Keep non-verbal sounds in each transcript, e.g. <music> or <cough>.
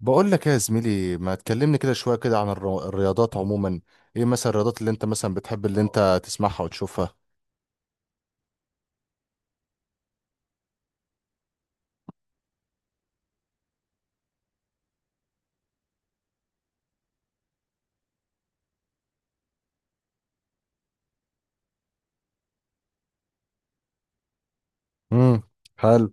بقول لك إيه يا زميلي، ما تكلمني كده شوية كده عن الرياضات عموما. ايه مثلا الرياضات اللي انت مثلا بتحب، اللي انت تسمعها وتشوفها؟ امم. حلو.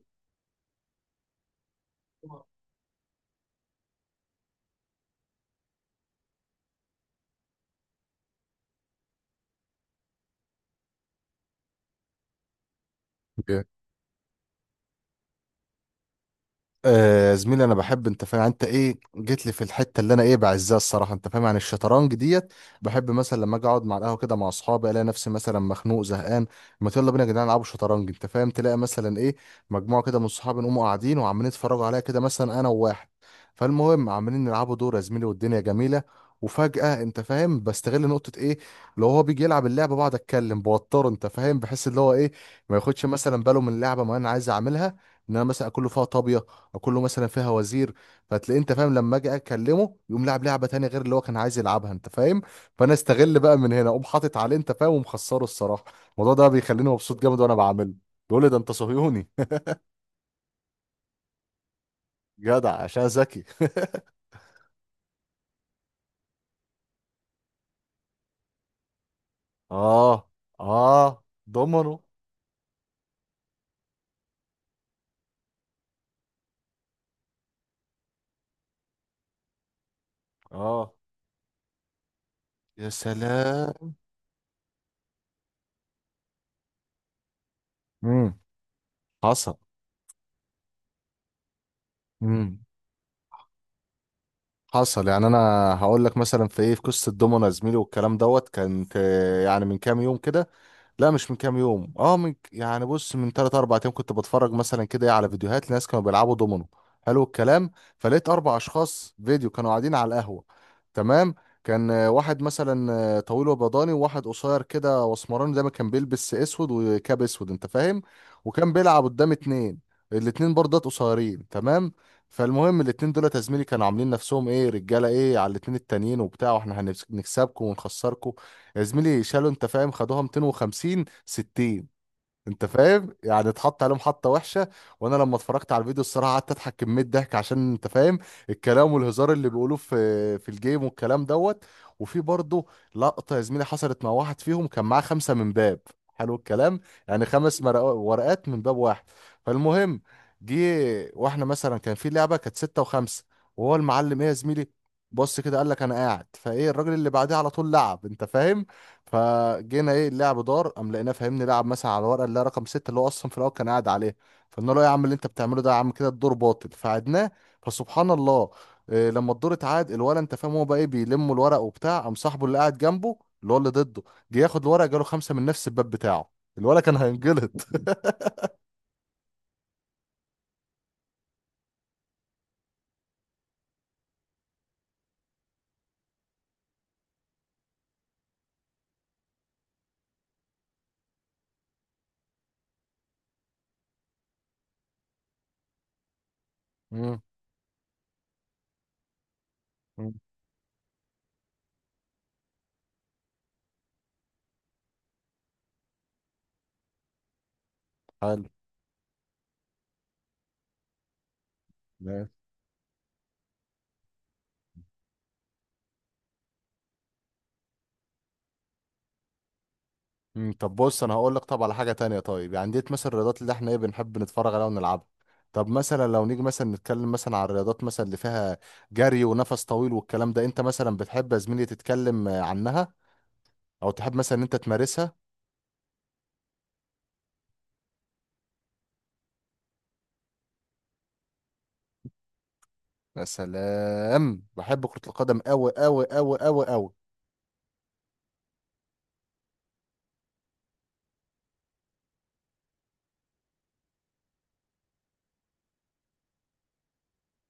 آه يا زميلي، انا بحب، انت فاهم، انت ايه جيت لي في الحته اللي انا ايه بعزها الصراحه، انت فاهم يعني الشطرنج ديت. بحب مثلا لما اجي اقعد مع القهوه كده مع اصحابي، الاقي نفسي مثلا مخنوق زهقان. ما يلا بينا يا جدعان نلعبوا شطرنج، انت فاهم، تلاقي مثلا ايه مجموعه كده من صحابي نقوموا قاعدين وعمالين يتفرجوا عليا كده، مثلا انا وواحد. فالمهم عمالين نلعبوا دور يا زميلي والدنيا جميله. وفجأة انت فاهم بستغل نقطة ايه، لو هو بيجي يلعب اللعبة بقعد اتكلم بوتره، انت فاهم، بحس اللي هو ايه ما ياخدش مثلا باله من اللعبة. ما انا عايز اعملها ان انا مثلا اكله فيها طابية، كله مثلا فيها وزير. فتلاقيه، انت فاهم، لما اجي اكلمه يقوم لعب لعبه تانية غير اللي هو كان عايز يلعبها، انت فاهم. فانا استغل بقى من هنا، اقوم حاطط عليه انت فاهم ومخسره الصراحه. الموضوع ده بيخليني مبسوط جامد وانا بعمله. بيقول لي ده انت صهيوني. <laughs> جدع عشان ذكي. <laughs> اه، اه، ضمنه. اه. يا سلام. امم. حصل. امم. حصل يعني. انا هقول لك مثلا في ايه، في قصه الدومنه يا زميلي والكلام دوت، كانت يعني من كام يوم كده. لا مش من كام يوم، اه، من يعني بص من 3 4 ايام كنت بتفرج مثلا كده إيه على فيديوهات لناس كانوا بيلعبوا دومينو. حلو الكلام. فلقيت اربع اشخاص فيديو كانوا قاعدين على القهوة. تمام. كان واحد مثلا طويل وبيضاني، وواحد قصير كده واسمراني دايما كان بيلبس اسود وكاب اسود، انت فاهم. وكان بيلعب قدام اتنين. الاتنين برضه قصيرين، تمام. فالمهم الاتنين دول يا زميلي كانوا عاملين نفسهم ايه، رجاله ايه على الاتنين التانيين وبتاع، واحنا هنكسبكم ونخسركم. يا زميلي شالوا، انت فاهم، خدوها 250 60، انت فاهم يعني اتحط عليهم حطه وحشه. وانا لما اتفرجت على الفيديو الصراحه قعدت اضحك كميه ضحك، عشان انت فاهم الكلام والهزار اللي بيقولوه في في الجيم والكلام دوت. وفي برضه لقطه يا زميلي حصلت مع واحد فيهم، كان معاه خمسه من باب. حلو الكلام. يعني ورقات من باب واحد. فالمهم جه، واحنا مثلا كان في لعبه كانت سته وخمسه، وهو المعلم، ايه يا زميلي، بص كده قال لك انا قاعد فايه، الراجل اللي بعديه على طول لعب، انت فاهم. فجينا ايه، اللعب دار، قام لقيناه فاهمني لعب مثلا على الورقه اللي هي رقم ستة، اللي هو اصلا في الاول كان قاعد عليها. فقلنا له يا عم اللي انت بتعمله ده يا عم كده الدور باطل، فعدناه. فسبحان الله، إيه، لما الدور اتعاد الولد، انت فاهم، هو بقى ايه بيلم الورق وبتاع، قام صاحبه اللي قاعد جنبه اللي هو اللي ضده جه ياخد الورق، جاله خمسه من نفس الباب بتاعه. الولد كان هينجلط. <laughs> مم. مم. حلو. مم، طب بص انا هقول لك، طب على حاجه تانية طيب، يعني ديت مثلا الرياضات اللي احنا ايه بنحب نتفرج عليها ونلعبها. طب مثلا لو نيجي مثلا نتكلم مثلا على الرياضات مثلا اللي فيها جري ونفس طويل والكلام ده، انت مثلا بتحب يا زميلي تتكلم عنها، او تحب مثلا ان انت تمارسها؟ يا سلام، بحب كرة القدم قوي قوي قوي قوي قوي.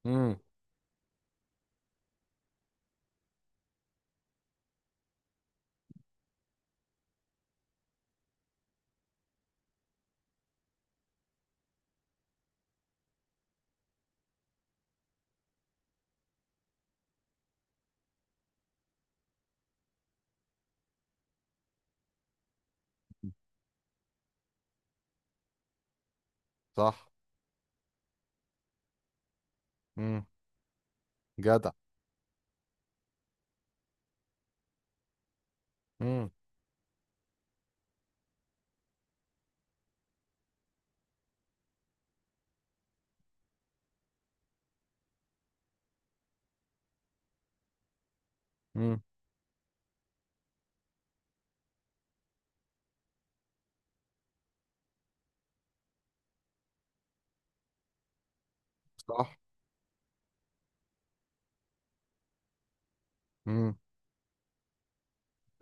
امم. صح. امم. جدع. امم. امم. صح.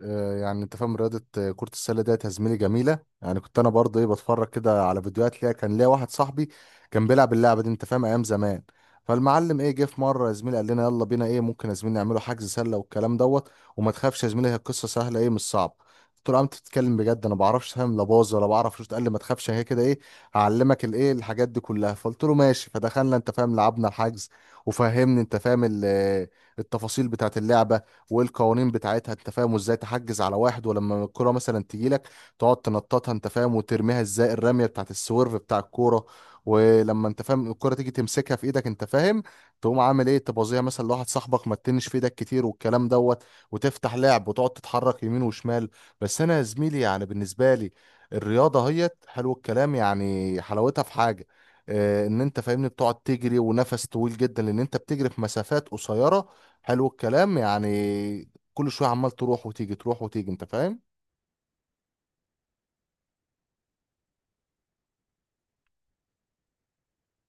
آه، يعني انت فاهم، رياضة كرة السلة ديت يا زميلي جميلة. يعني كنت انا برضه ايه بتفرج كده على فيديوهات ليها. كان ليا واحد صاحبي كان بيلعب اللعبة دي، انت فاهم، ايام زمان. فالمعلم ايه جه في مرة يا زميلي قال لنا يلا بينا ايه، ممكن يا زميلي نعمله حجز سلة والكلام دوت، وما تخافش يا زميلي هي القصة سهلة، ايه، مش صعبة. قلت له يا عم انت بتتكلم بجد، انا ما بعرفش فاهم، لا باظ ولا بعرف شوت. قال لي ما تخافش، هي كده ايه، هعلمك الايه الحاجات دي كلها. فقلت له ماشي، فدخلنا انت فاهم لعبنا الحجز. وفهمني انت فاهم التفاصيل بتاعت اللعبة والقوانين بتاعتها، انت فاهم، وازاي تحجز على واحد، ولما الكرة مثلا تجيلك تقعد تنططها، انت فاهم، وترميها ازاي الرمية بتاعت السويرف بتاع الكورة. ولما انت فاهم الكرة تيجي تمسكها في ايدك، انت فاهم، تقوم عامل ايه تبوظيها مثلا لواحد صاحبك، ما تتنش في ايدك كتير والكلام دوت، وتفتح لعب وتقعد تتحرك يمين وشمال. بس انا يا زميلي يعني بالنسبة لي الرياضة هيت، حلو الكلام، يعني حلاوتها في حاجة، ان انت فاهمني بتقعد تجري ونفس طويل جدا، لان انت بتجري في مسافات قصيره. حلو الكلام. يعني كل شويه عمال تروح وتيجي تروح وتيجي، انت فاهم.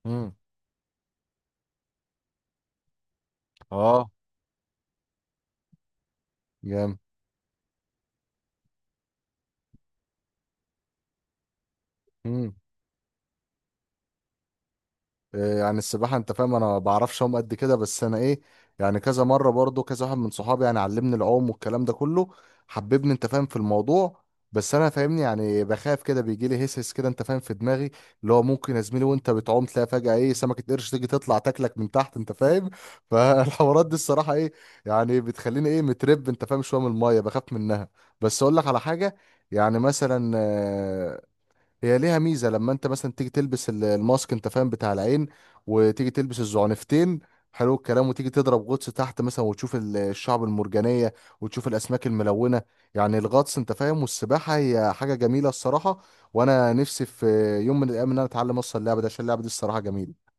امم. اه، جامد. مم. إيه يعني السباحة، انت فاهم انا بعرفش اعوم قد كده، بس انا ايه يعني كذا مرة برضو كذا واحد من صحابي يعني علمني العوم والكلام ده كله، حببني انت فاهم في الموضوع. بس انا فاهمني يعني بخاف كده، بيجي لي هسهس كده انت فاهم في دماغي، اللي هو ممكن يا زميلي وانت بتعوم تلاقي فجأة ايه سمكة قرش تيجي تطلع تاكلك من تحت، انت فاهم. <laughs> فالحوارات دي الصراحة ايه يعني بتخليني ايه مترب، انت فاهم، شوية من المية بخاف منها. بس اقول لك على حاجة، يعني مثلا هي ليها ميزه لما انت مثلا تيجي تلبس الماسك، انت فاهم، بتاع العين، وتيجي تلبس الزعنفتين، حلو الكلام، وتيجي تضرب غطس تحت مثلا وتشوف الشعب المرجانيه وتشوف الاسماك الملونه. يعني الغطس، انت فاهم، والسباحه هي حاجه جميله الصراحه. وانا نفسي في يوم من الايام ان انا اتعلم اصلا اللعبه دي، عشان اللعبه دي الصراحه جميله.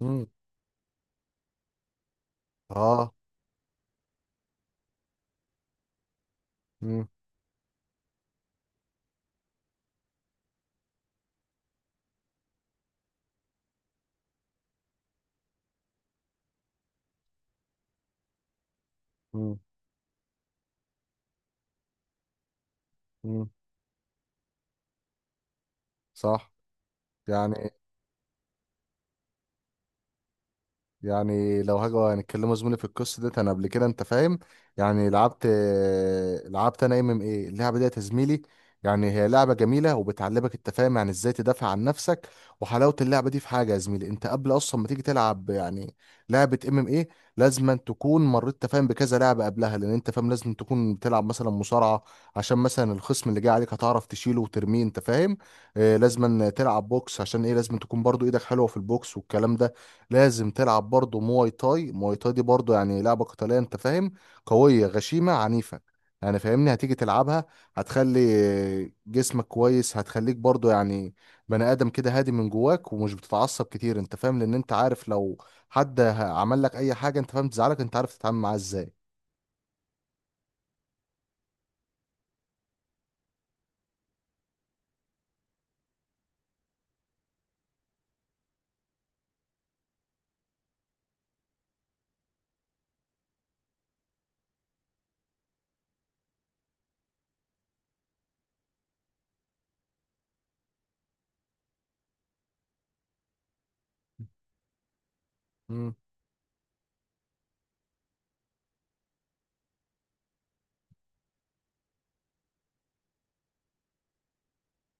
مم. اه. مم. مم. مم. صح. يعني، يعني لو هاجوا هنتكلموا زميلي في القصه ديت، انا قبل كده، انت فاهم، يعني لعبت، لعبت انا ام ام ايه اللعبه ديت يا زميلي. يعني هي لعبه جميله وبتعلمك، انت فاهم، يعني ازاي تدافع عن نفسك. وحلاوه اللعبه دي في حاجه يا زميلي، انت قبل اصلا ما تيجي تلعب يعني لعبه ام ام ايه، لازم أن تكون مريت أنت فاهم بكذا لعبه قبلها، لان انت فاهم لازم تكون بتلعب مثلا مصارعه، عشان مثلا الخصم اللي جاي عليك هتعرف تشيله وترميه، انت فاهم. آه، لازم أن تلعب بوكس، عشان ايه لازم تكون برضو ايدك حلوه في البوكس والكلام ده. لازم تلعب برضه مواي تاي. مواي تاي دي برضه يعني لعبة قتالية، انت فاهم، قوية غشيمة عنيفة. يعني فاهمني هتيجي تلعبها، هتخلي جسمك كويس، هتخليك برضه يعني بني آدم كده هادي من جواك ومش بتتعصب كتير، انت فاهم، لان انت عارف لو حد عمل لك اي حاجة، انت فاهم، تزعلك، انت عارف تتعامل معاه ازاي.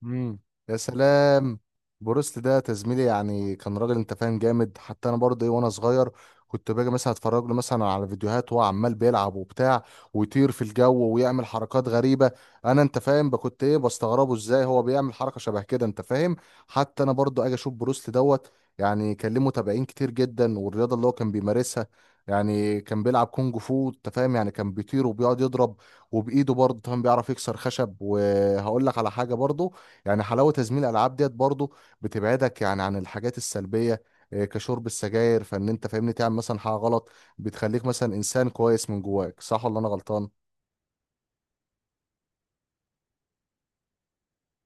امم. يا سلام. بروست ده تزميلي يعني كان راجل، انت فاهم، جامد. حتى انا برضه ايه وانا صغير كنت باجي مثلا اتفرج له مثلا على فيديوهات وهو عمال بيلعب وبتاع، ويطير في الجو ويعمل حركات غريبه. انا انت فاهم بقى كنت ايه بستغربه ازاي هو بيعمل حركه شبه كده، انت فاهم. حتى انا برضه اجي اشوف بروست دوت. يعني كان ليه متابعين كتير جدا، والرياضه اللي هو كان بيمارسها يعني كان بيلعب كونج فو، انت فاهم. يعني كان بيطير وبيقعد يضرب، وبايده برضه فاهم بيعرف يكسر خشب. وهقول لك على حاجه برضه، يعني حلاوة تزميل الألعاب ديت برضو بتبعدك يعني عن الحاجات السلبية، إيه، كشرب السجاير، فإن أنت فاهمني تعمل مثلا حاجة غلط، بتخليك مثلا إنسان كويس من جواك. صح ولا أنا غلطان؟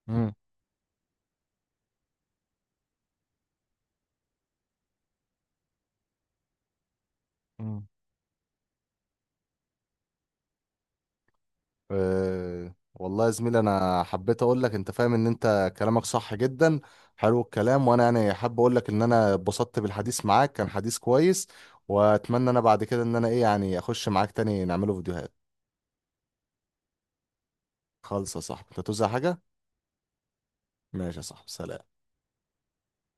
مم. مم. أه والله يا زميلي انا حبيت اقول لك، انت فاهم، ان انت كلامك صح جدا. حلو الكلام، وانا يعني حابب اقول لك ان انا اتبسطت بالحديث معاك، كان حديث كويس. واتمنى انا بعد كده ان انا ايه يعني اخش معاك تاني نعمله فيديوهات. خالص يا صاحبي، انت توزع حاجة. ماشي يا صاحبي، سلام.